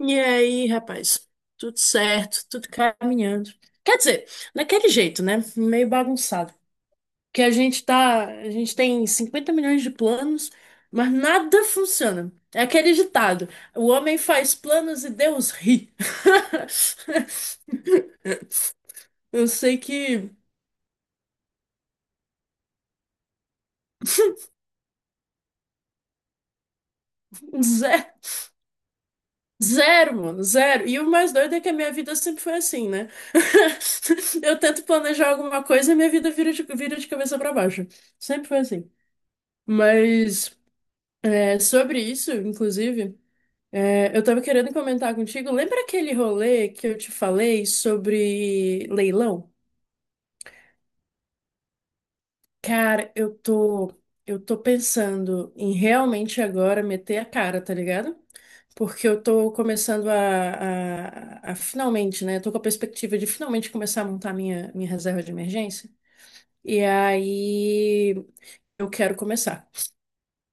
E aí, rapaz, tudo certo, tudo caminhando. Quer dizer, daquele jeito, né? Meio bagunçado. Que a gente tá, a gente tem 50 milhões de planos, mas nada funciona. É aquele ditado: o homem faz planos e Deus ri. Eu sei que zero, zero, mano, zero. E o mais doido é que a minha vida sempre foi assim, né? Eu tento planejar alguma coisa e minha vida vira de cabeça pra baixo. Sempre foi assim. Mas é sobre isso, inclusive, eu tava querendo comentar contigo. Lembra aquele rolê que eu te falei sobre leilão? Cara, eu tô pensando em realmente agora meter a cara, tá ligado? Porque eu tô começando a finalmente, né? Eu tô com a perspectiva de finalmente começar a montar minha reserva de emergência. E aí eu quero começar.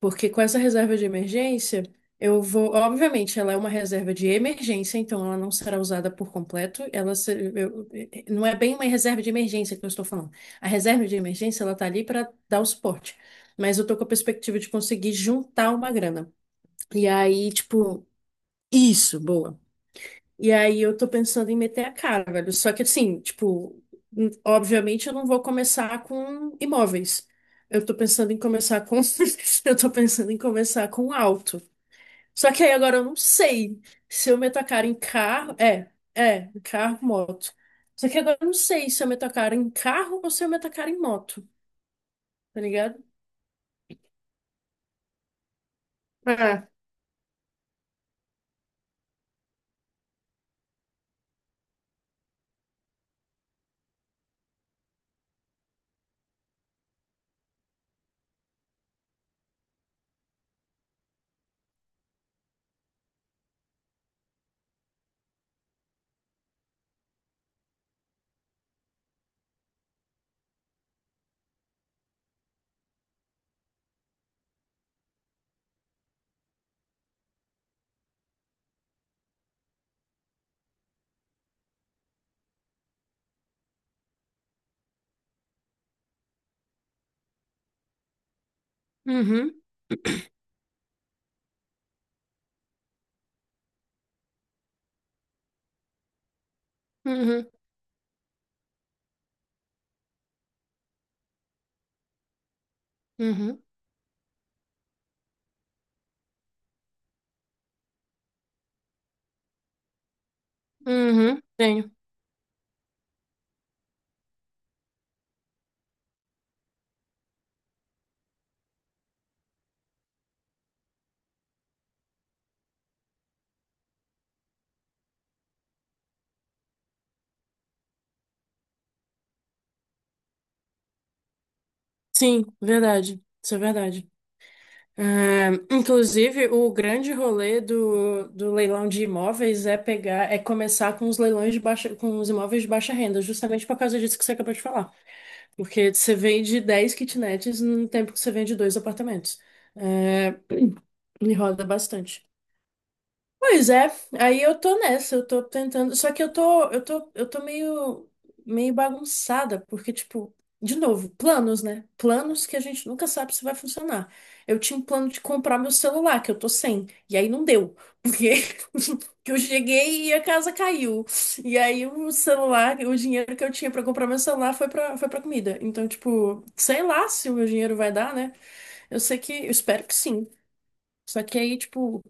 Porque com essa reserva de emergência, eu vou. Obviamente, ela é uma reserva de emergência, então ela não será usada por completo. Ela se- eu- eh, Não é bem uma reserva de emergência que eu estou falando. A reserva de emergência, ela tá ali para dar o suporte. Mas eu tô com a perspectiva de conseguir juntar uma grana. E aí, tipo, isso, boa. E aí eu tô pensando em meter a cara, velho. Só que assim, tipo, obviamente eu não vou começar com imóveis. Eu tô pensando em começar com. Eu tô pensando em começar com auto. Só que aí agora eu não sei se eu meto a cara em carro. Carro, moto. Só que agora eu não sei se eu meto a cara em carro ou se eu meto a cara em moto, tá ligado? É. Uhum, uhum, uhum, uhum. Tenho. Sim, verdade. Isso é verdade. É, inclusive, o grande rolê do leilão de imóveis é pegar, é começar com os leilões de baixa, com os imóveis de baixa renda, justamente por causa disso que você acabou de falar. Porque você vende 10 kitnets no tempo que você vende dois apartamentos. É, me roda bastante. Pois é, aí eu tô nessa, eu tô tentando, só que eu tô meio, meio bagunçada, porque, tipo, de novo, planos, né? Planos que a gente nunca sabe se vai funcionar. Eu tinha um plano de comprar meu celular, que eu tô sem, e aí não deu, porque que eu cheguei e a casa caiu. E aí o celular, o dinheiro que eu tinha pra comprar meu celular foi foi pra comida. Então, tipo, sei lá se o meu dinheiro vai dar, né? Eu sei que, eu espero que sim. Só que aí, tipo,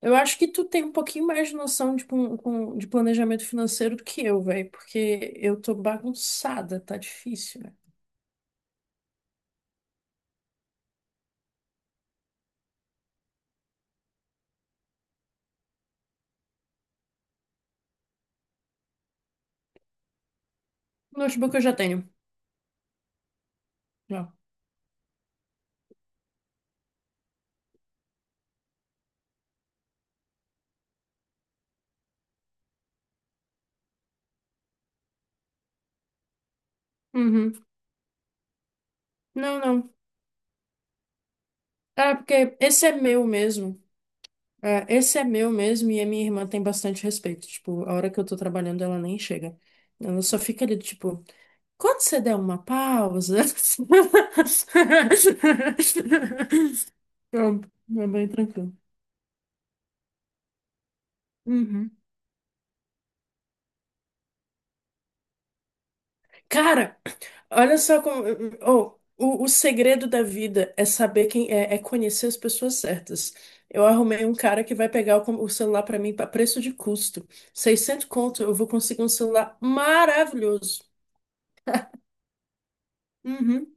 eu acho que tu tem um pouquinho mais de noção de, de planejamento financeiro do que eu, velho, porque eu tô bagunçada, tá difícil, velho. Notebook eu já tenho. Já. Uhum. Não, não. Ah, porque esse é meu mesmo. É, esse é meu mesmo e a minha irmã tem bastante respeito. Tipo, a hora que eu tô trabalhando, ela nem chega. Ela só fica ali, tipo, quando você der uma pausa. Pronto, é bem tranquilo. Uhum. Cara, olha só como. Oh, o segredo da vida é saber quem é, é conhecer as pessoas certas. Eu arrumei um cara que vai pegar o celular pra mim para preço de custo. 600 conto, eu vou conseguir um celular maravilhoso. Uhum.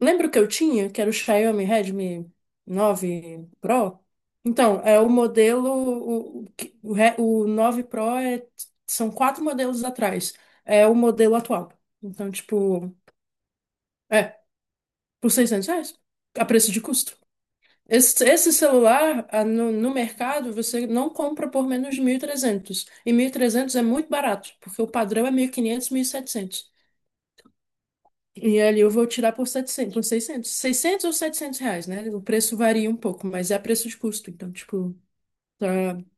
Lembra o que eu tinha? Que era o Xiaomi Redmi nove Pro? Então, é o modelo. O, que- o, Re- o 9 Pro é, são quatro modelos atrás. É o modelo atual. Então, tipo. É, por 600 reais? A preço de custo. Esse celular, ah, no mercado, você não compra por menos de 1.300. E mil e trezentos é muito barato, porque o padrão é 1.500, 1.700. E 700. E ali eu vou tirar por 700, por 600. 600 ou 700 reais, né? O preço varia um pouco, mas é a preço de custo. Então, tipo, tá,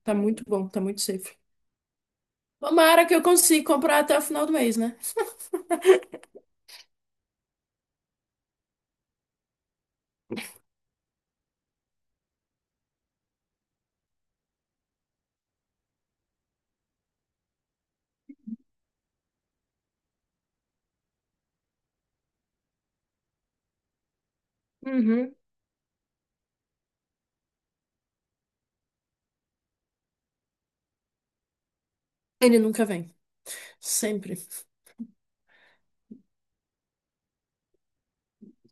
tá muito bom, tá muito safe. Tomara que eu consiga comprar até o final do mês, né? Uhum. Ele nunca vem. Sempre.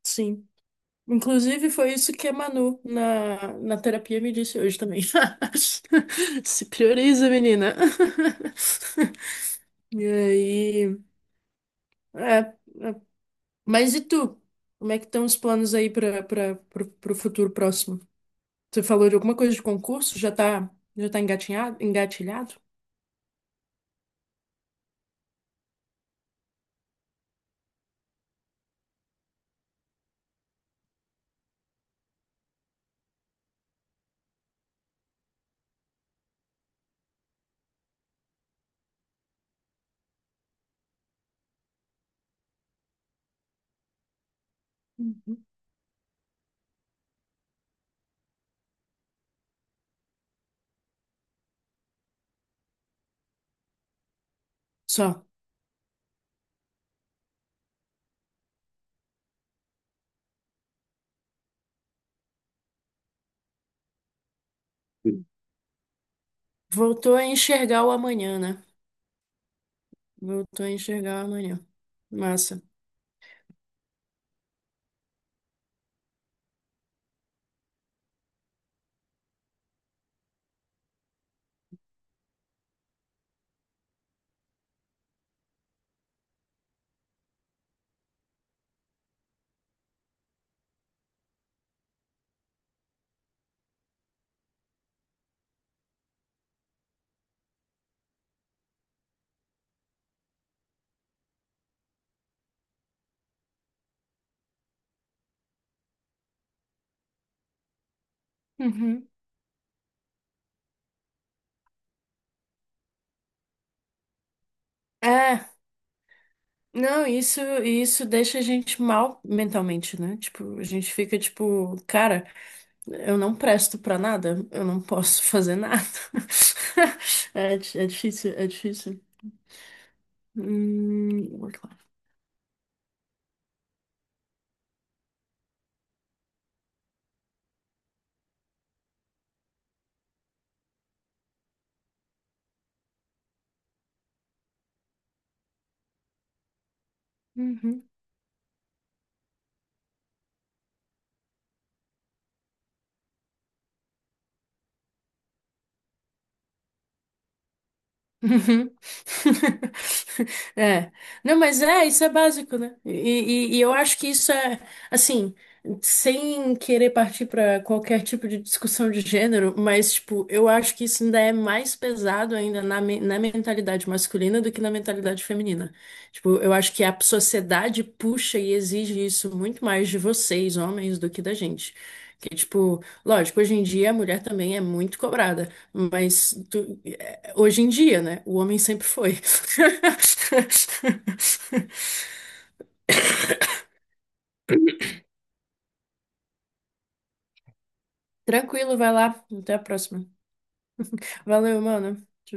Sim. Inclusive, foi isso que a Manu na terapia me disse hoje também. Se prioriza, menina. E aí. É, é. Mas e tu? Como é que estão os planos aí para o futuro próximo? Você falou de alguma coisa de concurso? Já tá engatinhado, engatilhado? Uhum. Só. Voltou a enxergar o amanhã, né? Voltou a enxergar o amanhã. Massa. Uhum. É. Não, isso deixa a gente mal mentalmente, né? Tipo, a gente fica tipo, cara, eu não presto pra nada, eu não posso fazer nada. É, é difícil, é difícil. Work life. Uhum. Uhum. É. Não, mas é, isso é básico, né? E, e eu acho que isso é, assim, sem querer partir para qualquer tipo de discussão de gênero, mas, tipo, eu acho que isso ainda é mais pesado ainda na, na mentalidade masculina do que na mentalidade feminina. Tipo, eu acho que a sociedade puxa e exige isso muito mais de vocês, homens, do que da gente. Que, tipo, lógico, hoje em dia a mulher também é muito cobrada, mas tu. Hoje em dia, né? O homem sempre foi. Tranquilo, vai lá. Até a próxima. Valeu, mano. Tchau, tchau.